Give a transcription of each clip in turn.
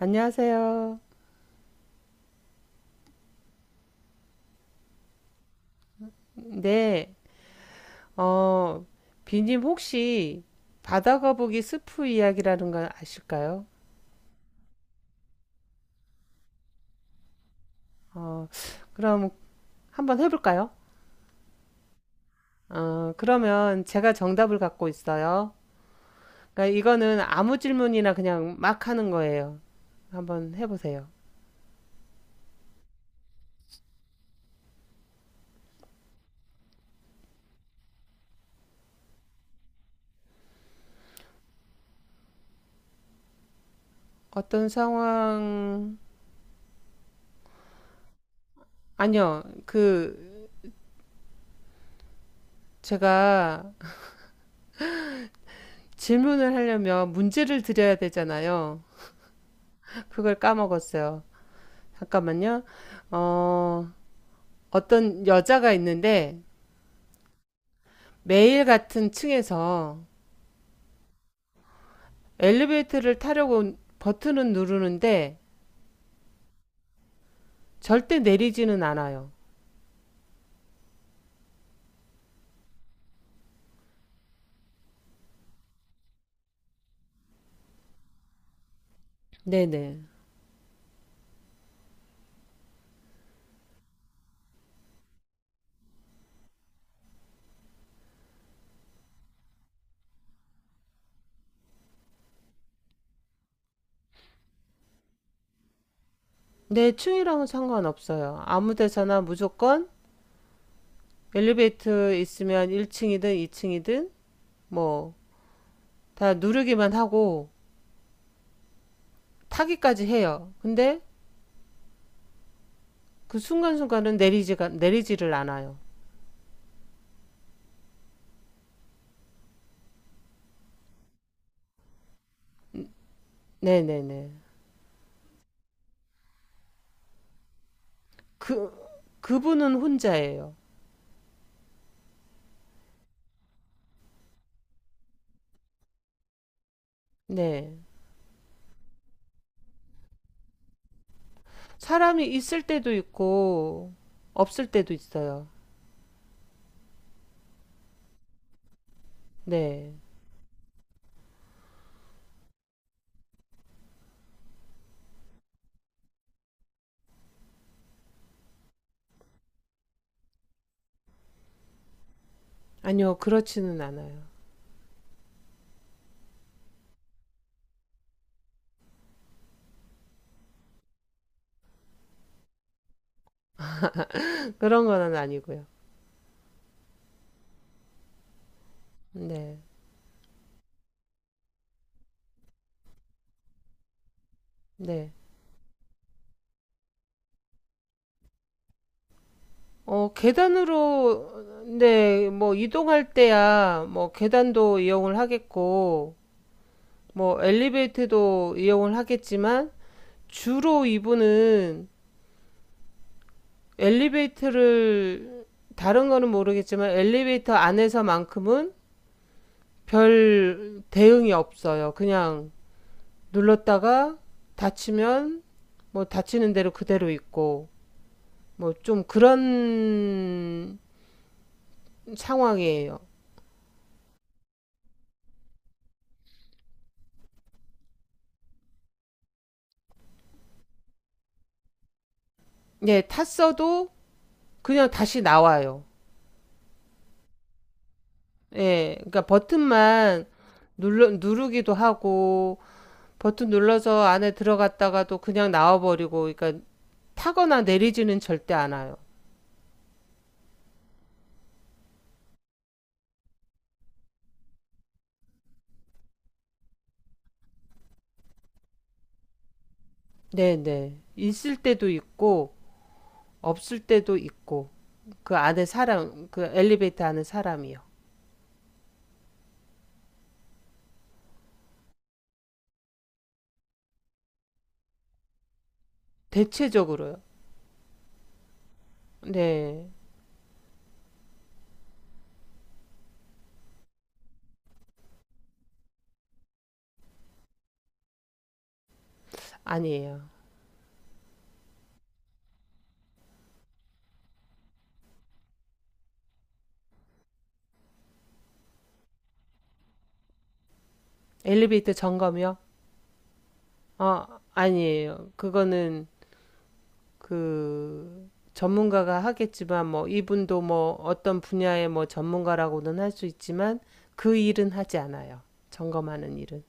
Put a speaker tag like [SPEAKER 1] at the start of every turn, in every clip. [SPEAKER 1] 안녕하세요. 네, 어, 비님 혹시 바다거북이 스프 이야기라는 걸 아실까요? 어, 그럼 한번 해볼까요? 그러면 제가 정답을 갖고 있어요. 그러니까 이거는 아무 질문이나 그냥 막 하는 거예요. 한번 해보세요. 어떤 상황, 아니요, 그, 제가 질문을 하려면 문제를 드려야 되잖아요. 그걸 까먹었어요. 잠깐만요. 어, 어떤 여자가 있는데 매일 같은 층에서 엘리베이터를 타려고 버튼은 누르는데 절대 내리지는 않아요. 네네. 내 층이랑은 상관없어요. 아무 데서나 무조건 엘리베이터 있으면 1층이든 2층이든 뭐 다 누르기만 하고 타기까지 해요. 근데 그 순간순간은 내리지가 내리지를 않아요. 네네네. 그 그분은 혼자예요. 네. 사람이 있을 때도 있고 없을 때도 있어요. 네. 아니요, 그렇지는 않아요. 그런 건 아니고요. 네. 네. 어, 계단으로 네, 뭐 이동할 때야 뭐 계단도 이용을 하겠고 뭐 엘리베이터도 이용을 하겠지만 주로 이분은 엘리베이터를 다른 거는 모르겠지만 엘리베이터 안에서만큼은 별 대응이 없어요. 그냥 눌렀다가 다치면 뭐 다치는 대로 그대로 있고 뭐 좀 그런 상황이에요. 예, 탔어도 그냥 다시 나와요. 예, 그러니까 버튼만 누르기도 하고 버튼 눌러서 안에 들어갔다가도 그냥 나와버리고 그러니까 타거나 내리지는 절대 않아요. 네, 네. 있을 때도 있고 없을 때도 있고 그 안에 사람 그 엘리베이터 안에 사람이요. 대체적으로요. 네. 아니에요. 엘리베이터 점검이요? 아, 아니에요. 그거는 그 전문가가 하겠지만 뭐 이분도 뭐 어떤 분야의 뭐 전문가라고는 할 수 있지만 그 일은 하지 않아요. 점검하는 일은.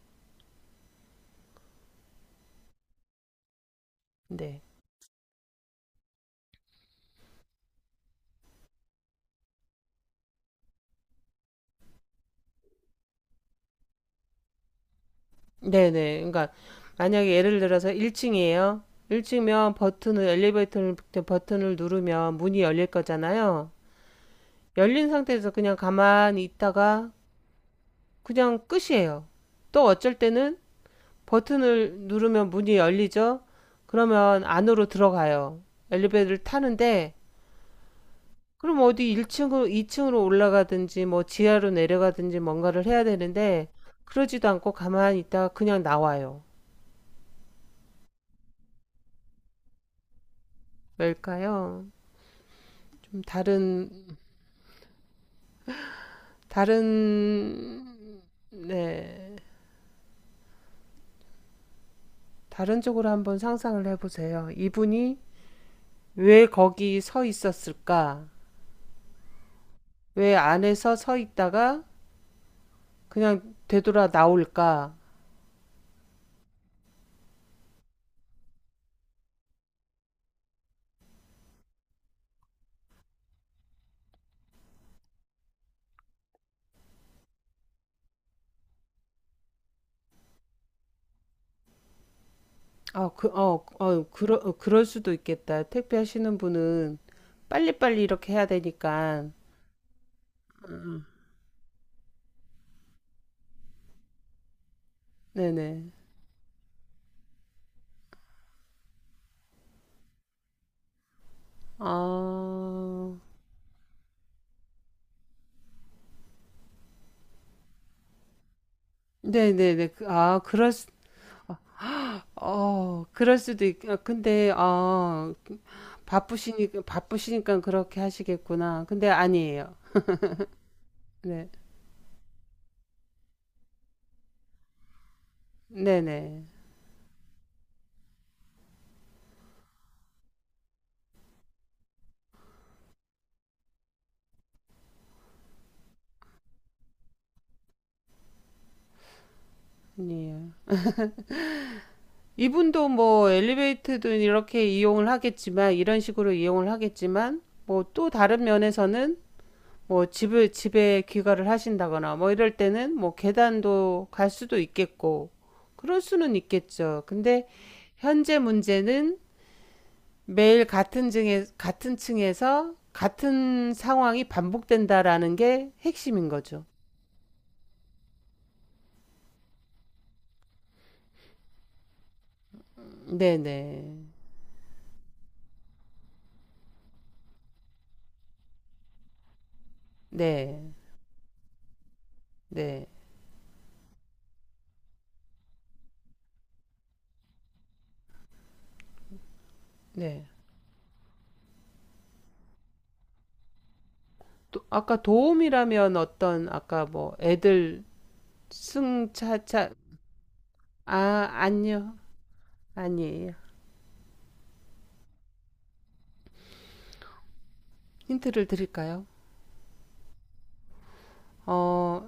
[SPEAKER 1] 네. 네네. 그러니까 만약에 예를 들어서 1층이에요. 1층이면 버튼을 엘리베이터 버튼을 누르면 문이 열릴 거잖아요. 열린 상태에서 그냥 가만히 있다가 그냥 끝이에요. 또 어쩔 때는 버튼을 누르면 문이 열리죠? 그러면 안으로 들어가요. 엘리베이터를 타는데, 그럼 어디 1층으로, 2층으로 올라가든지, 뭐 지하로 내려가든지 뭔가를 해야 되는데, 그러지도 않고 가만히 있다가 그냥 나와요. 왜일까요? 좀 다른, 다른, 네, 다른 쪽으로 한번 상상을 해보세요. 이분이 왜 거기 서 있었을까? 왜 안에서 서 있다가 그냥 되돌아 나올까? 그럴 수도 있겠다. 택배 하시는 분은 빨리빨리 이렇게 해야 되니까. 음, 네네. 아, 네네네. 그럴 수도 있, 아, 근데, 아, 바쁘시니까, 바쁘시니까 그렇게 하시겠구나. 근데 아니에요. 네. 네네. 아니에요. 이분도 뭐 엘리베이터도 이렇게 이용을 하겠지만, 이런 식으로 이용을 하겠지만, 뭐 또 다른 면에서는 뭐 집을 집에 귀가를 하신다거나 뭐 이럴 때는 뭐 계단도 갈 수도 있겠고 그럴 수는 있겠죠. 근데 현재 문제는 매일 같은 층에서 같은 상황이 반복된다라는 게 핵심인 거죠. 네네. 네. 네. 네. 네. 또 아까 도움이라면 어떤 아까 뭐 애들 승차차 아 아니요. 아니에요. 힌트를 드릴까요? 어,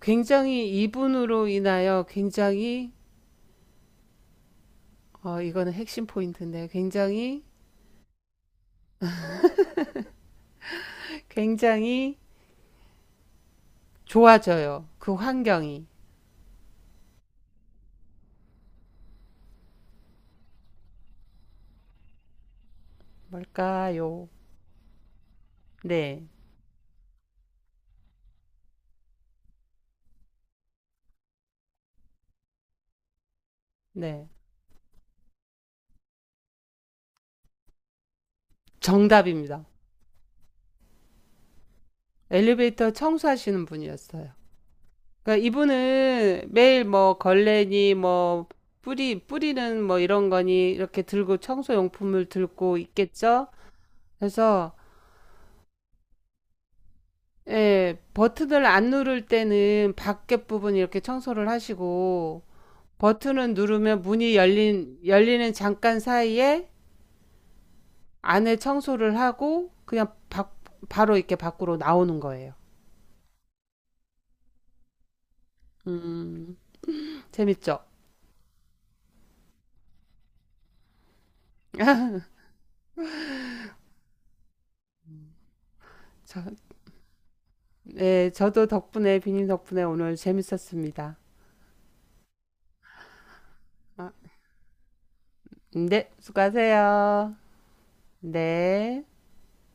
[SPEAKER 1] 굉장히 이분으로 인하여 굉장히 이거는 핵심 포인트인데 굉장히 굉장히 좋아져요. 그 환경이 뭘까요? 네, 네 정답입니다. 엘리베이터 청소하시는 분이었어요. 그러니까 이분은 매일 뭐 걸레니 뭐 뿌리는 뭐 이런 거니 이렇게 들고 청소 용품을 들고 있겠죠. 그래서 예, 버튼을 안 누를 때는 밖에 부분 이렇게 청소를 하시고 버튼을 누르면 열리는 잠깐 사이에 안에 청소를 하고 바로 이렇게 밖으로 나오는 거예요. 음, 재밌죠? 저, 네, 저도 덕분에, 비님 덕분에 오늘 재밌었습니다. 아, 네, 수고하세요. 네.